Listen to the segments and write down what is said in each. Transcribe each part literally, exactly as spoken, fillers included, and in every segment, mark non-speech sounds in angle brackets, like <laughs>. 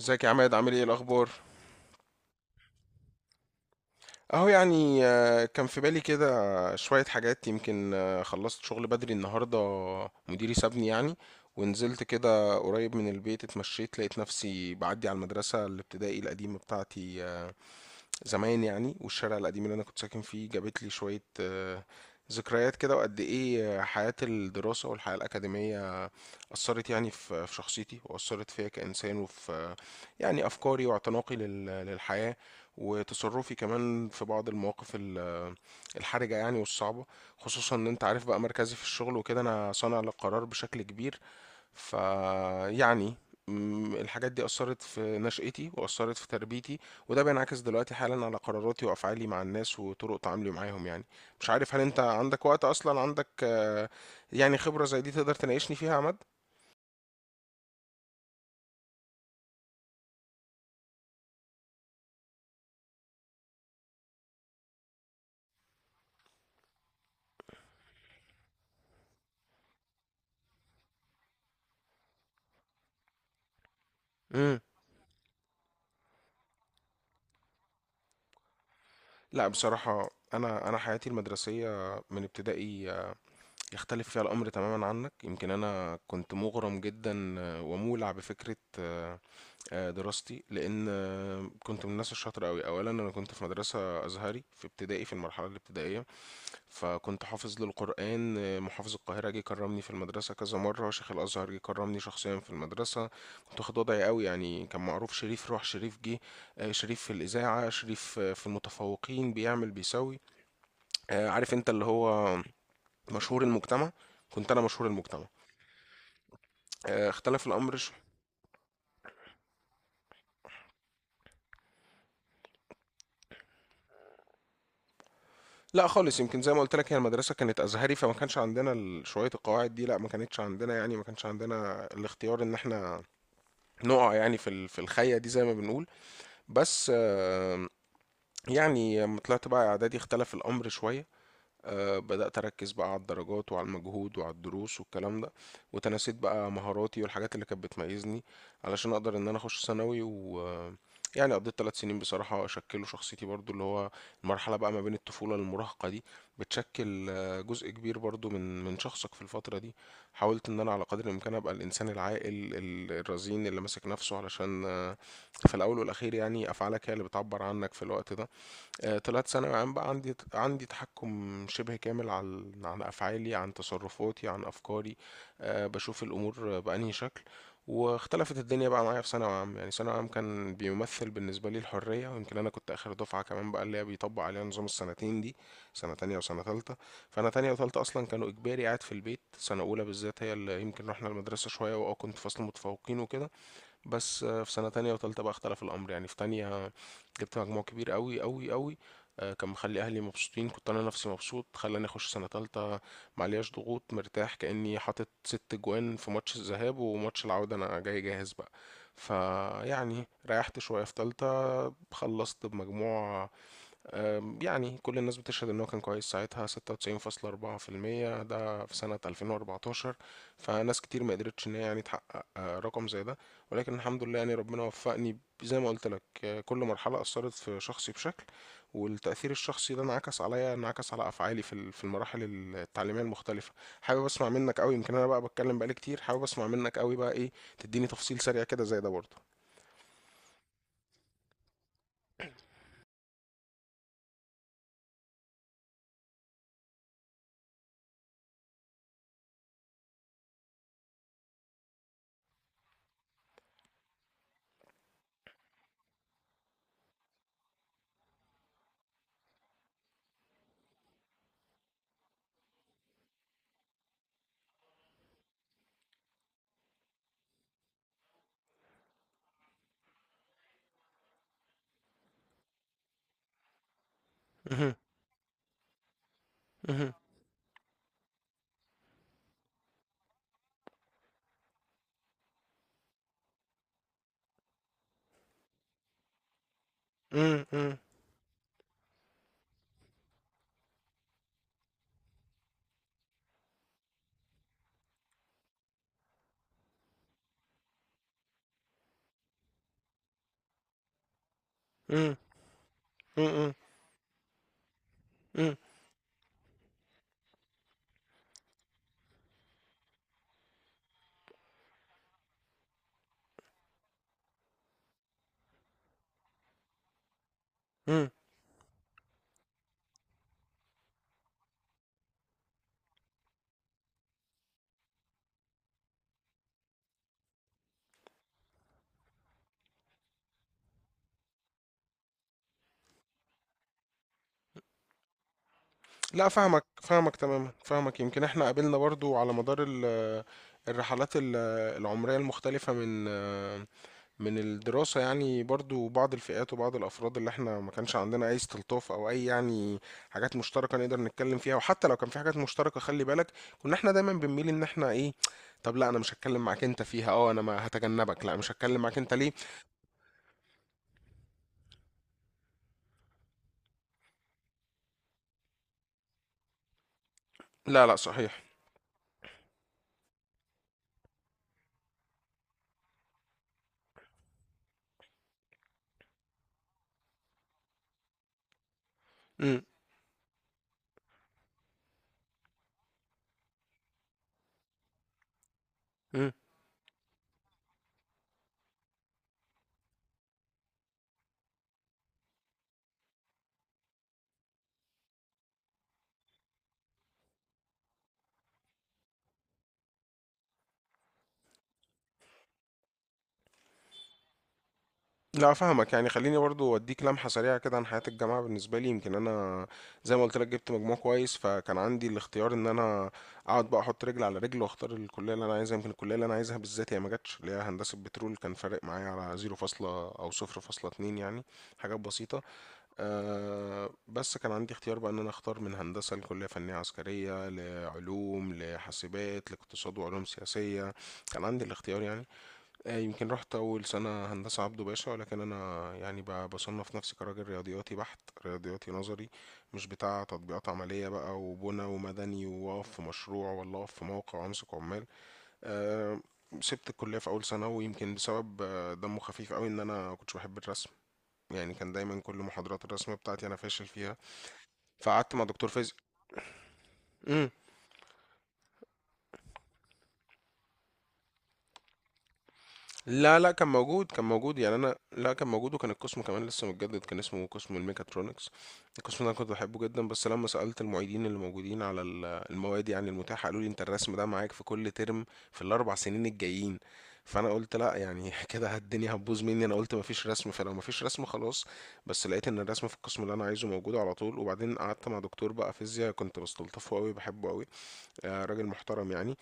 ازيك يا عماد عامل ايه الاخبار. اهو يعني آه، كان في بالي كده شوية حاجات، يمكن آه، خلصت شغل بدري النهاردة، مديري سابني يعني. ونزلت كده قريب من البيت، اتمشيت لقيت نفسي بعدي على المدرسة الابتدائي القديمة بتاعتي آه، زمان يعني، والشارع القديم اللي انا كنت ساكن فيه جابت لي شوية آه، ذكريات كده. وقد ايه آه، حياة الدراسة والحياة الأكاديمية أثرت يعني في في شخصيتي، وأثرت فيا كإنسان، وفي يعني أفكاري واعتناقي لل- للحياة، وتصرفي كمان في بعض المواقف ال- الحرجة يعني والصعبة، خصوصا إن أنت عارف بقى مركزي في الشغل، وكده أنا صانع للقرار بشكل كبير. فيعني الحاجات دي أثرت في نشأتي وأثرت في تربيتي، وده بينعكس دلوقتي حالا على قراراتي وأفعالي مع الناس وطرق تعاملي معاهم يعني. مش عارف، هل أنت عندك وقت أصلا؟ عندك آه، يعني خبرة زي دي تقدر تناقشني فيها يا عماد؟ لا بصراحة، أنا أنا حياتي المدرسية من ابتدائي يختلف فيها الأمر تماما عنك. يمكن أنا كنت مغرم جدا ومولع بفكرة آه، دراستي، لان آه، كنت من الناس الشاطره قوي. اولا انا كنت في مدرسه ازهري في ابتدائي، في المرحله الابتدائيه، فكنت حافظ للقران. آه، محافظ القاهره جه كرمني في المدرسه كذا مره، شيخ الازهر جه كرمني شخصيا في المدرسه، كنت واخد وضعي قوي يعني. كان معروف شريف، روح شريف جه آه، شريف في الاذاعه، شريف آه، في المتفوقين بيعمل بيسوي آه، عارف انت اللي هو مشهور المجتمع، كنت انا مشهور المجتمع. آه، اختلف الامر. لأ خالص، يمكن زي ما قُلت لك هي المدرسة كانت أزهري، فما كانش عندنا ال شوية القواعد دي، لأ، ما كانتش عندنا يعني، ما كانش عندنا الاختيار إن إحنا نُقع يعني في ال في الخَيّة دي زي ما بنقول، بس آمم، يعني أمّا طلعت بقى إعدادي اختلف الأمر شوية. آه، بدأت أركز بقى على الدرجات وعلى المجهود وعلى الدروس والكلام ده، وتناسيت بقى مهاراتي والحاجات اللي كانت بتميزني علشان أقدر إن أنا أخش ثانوي. و آه، يعني قضيت ثلاث سنين بصراحة شكلوا شخصيتي برضو، اللي هو المرحلة بقى ما بين الطفولة للمراهقة دي بتشكل آه، جزء كبير برضو من من شخصك في الفترة دي. حاولت إن أنا على قدر الإمكان أبقى الإنسان العاقل ال- الرزين اللي ماسك نفسه، علشان آه، في الأول والأخير يعني أفعالك هي اللي بتعبر عنك في الوقت ده. آه، طلعت ثانوي عام بقى، عندي عندي تحكم شبه كامل عن عن افعالي، عن تصرفاتي، عن افكاري، آه، بشوف الامور بانهي شكل. واختلفت الدنيا بقى معايا في ثانوي عام، يعني ثانوي عام كان بيمثل بالنسبه لي الحريه. ويمكن انا كنت اخر دفعه كمان بقى اللي هي بيطبق عليها نظام السنتين دي، سنه تانية وسنه تالتة. فانا تانية وتالتة اصلا كانوا اجباري قاعد في البيت، سنه اولى بالذات هي اللي يمكن رحنا المدرسه شويه، واه كنت فصل متفوقين وكده. بس آه، في سنة تانية وتالتة بقى اختلف الأمر. يعني في تانية جبت مجموع كبير قوي قوي قوي، آه، كان مخلي أهلي مبسوطين، كنت أنا نفسي مبسوط، خلاني أخش سنة تالتة معلياش ضغوط مرتاح كأني حاطط ست جوان في ماتش الذهاب وماتش العودة، أنا جاي جاهز بقى. فيعني ريحت شوية في تالتة، خلصت بمجموع أم، يعني كل الناس بتشهد ان هو كان كويس ساعتها، ستة وتسعين فاصلة اربعة في المية، ده في سنة ألفين وأربعة عشر، فناس كتير ما قدرتش ان هي يعني تحقق آه، رقم زي ده. ولكن الحمد لله يعني ربنا وفقني، ب- زي ما قلت لك آه، كل مرحلة أثرت في شخصي بشكل، والتأثير الشخصي ده انعكس عليا، انعكس على أفعالي في ال- في المراحل التعليمية المختلفة. حابب أسمع منك قوي، يمكن أنا بقى بتكلم بقالي كتير، حابب أسمع منك قوي بقى إيه تديني تفصيل سريع كده زي ده برضه. مهم. مهم. مم. مم. مم. مم. مم. مم. لا فاهمك، فاهمك تماما، فاهمك. يمكن احنا قابلنا برضو على مدار ال- الرحلات ال- العمرية المختلفة من من الدراسة، يعني برضو بعض الفئات وبعض الأفراد اللي احنا ما كانش عندنا أي استلطاف أو أي يعني حاجات مشتركة نقدر نتكلم فيها. وحتى لو كان في حاجات مشتركة، خلي بالك، كنا احنا دايما بنميل إن احنا إيه، طب لا أنا مش هتكلم معاك أنت فيها، أه أنا ما هتجنبك، لا مش هتكلم معاك أنت ليه. لا لا صحيح. امم. إمم. لا فاهمك. يعني خليني برضو اديك لمحة سريعة كده عن حياة الجامعة بالنسبة لي. يمكن انا زي ما قلت لك جبت مجموع كويس، فكان عندي الاختيار ان انا اقعد بقى احط رجل على رجل واختار الكلية اللي انا عايزها. يمكن الكلية اللي انا عايزها بالذات هي ما جاتش، اللي هي هندسة بترول، كان فارق معايا على صفر فاصلة او صفر فاصلة اثنين يعني، حاجات بسيطة. أه بس كان عندي اختيار بقى ان انا اختار من هندسة لكلية فنية عسكرية لعلوم لحاسبات لاقتصاد وعلوم سياسية، كان عندي الاختيار يعني. آه، يمكن رحت أول سنة هندسة عبده باشا، ولكن أنا يعني ب- بصنف نفسي كراجل رياضياتي بحت، رياضياتي نظري، مش بتاع تطبيقات عملية بقى وبنى ومدني وأقف في مشروع ولا أقف في موقع وأمسك عمال. آه، سبت الكلية في أول سنة، ويمكن بسبب آه، دمه خفيف قوي إن أنا كنتش بحب الرسم، يعني كان دايما كل محاضرات الرسم بتاعتي أنا فاشل فيها، فقعدت مع دكتور فيزياء. لا لا كان موجود، كان موجود يعني، انا لا كان موجود، وكان القسم كمان لسه متجدد، كان اسمه قسم الميكاترونكس. القسم ده انا كنت بحبه جدا، بس لما سألت المعيدين اللي موجودين على ال- المواد يعني المتاحة، قالوا لي انت الرسم ده معاك في كل ترم في الاربع سنين الجايين، فانا قلت لا يعني <laughs> كده الدنيا هتبوظ مني، انا قلت مفيش رسم، فلو مفيش رسم خلاص. بس لقيت ان الرسم في القسم اللي انا عايزه موجود على طول. وبعدين قعدت مع دكتور بقى فيزياء كنت بستلطفه قوي، بحبه قوي، آه، راجل محترم يعني.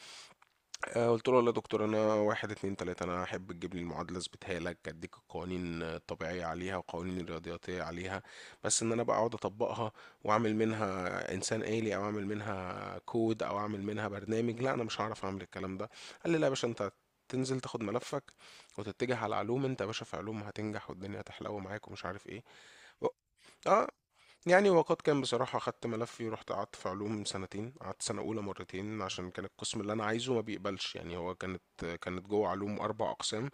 آه، قلت له والله يا دكتور انا واحد اتنين تلاتة، انا احب تجيب لي المعادلة اثبتها لك، اديك القوانين الطبيعية عليها والقوانين الرياضياتية عليها، بس ان انا بقى اقعد اطبقها واعمل منها انسان آلي او اعمل منها كود او اعمل منها برنامج، لا انا مش هعرف اعمل الكلام ده. قال لي لا يا باشا، انت تنزل تاخد ملفك وتتجه على علوم، انت يا باشا في علوم هتنجح والدنيا هتحلو معاك ومش عارف ايه. اه يعني وقد كان بصراحة، خدت ملفي ورحت قعدت في علوم سنتين، قعدت سنة أولى مرتين عشان كان القسم اللي أنا عايزه ما بيقبلش. يعني هو كانت، كانت جوه علوم أربع أقسام،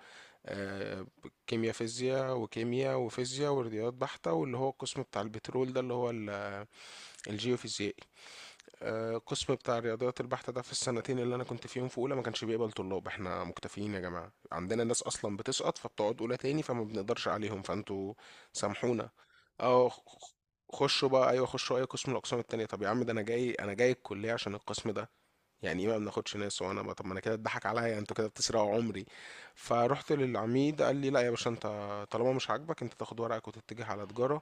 آه، كيمياء فيزياء وكيمياء وفيزياء ورياضيات بحتة، واللي هو القسم بتاع البترول ده اللي هو ال- الجيوفيزيائي. آه، القسم بتاع الرياضيات البحتة ده في السنتين اللي انا كنت فيهم في اولى ما كانش بيقبل طلاب، احنا مكتفيين يا جماعة، عندنا ناس اصلا بتسقط فبتقعد اولى تاني فما بنقدرش عليهم فانتوا سامحونا. اه خ- خ- خشوا بقى، ايوه خشوا اي قسم من الاقسام التانية. طب يا عم ده انا جاي، انا جاي الكلية عشان القسم ده، يعني ايه ما بناخدش ناس؟ وانا بقى- طب ما انا كده اتضحك عليا، انتوا كده بتسرقوا عمري. فرحت للعميد قال لي لا يا باشا انت طالما مش عاجبك انت تاخد ورقك وتتجه على تجارة،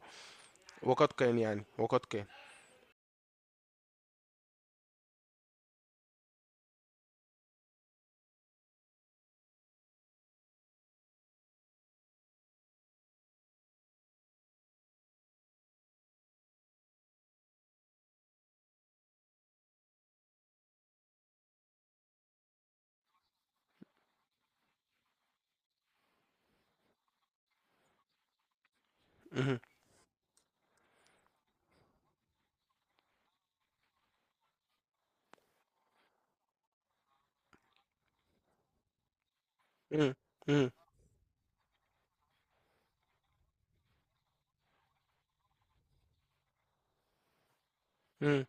وقد كان يعني، وقد كان. مهم. مهم. مهم.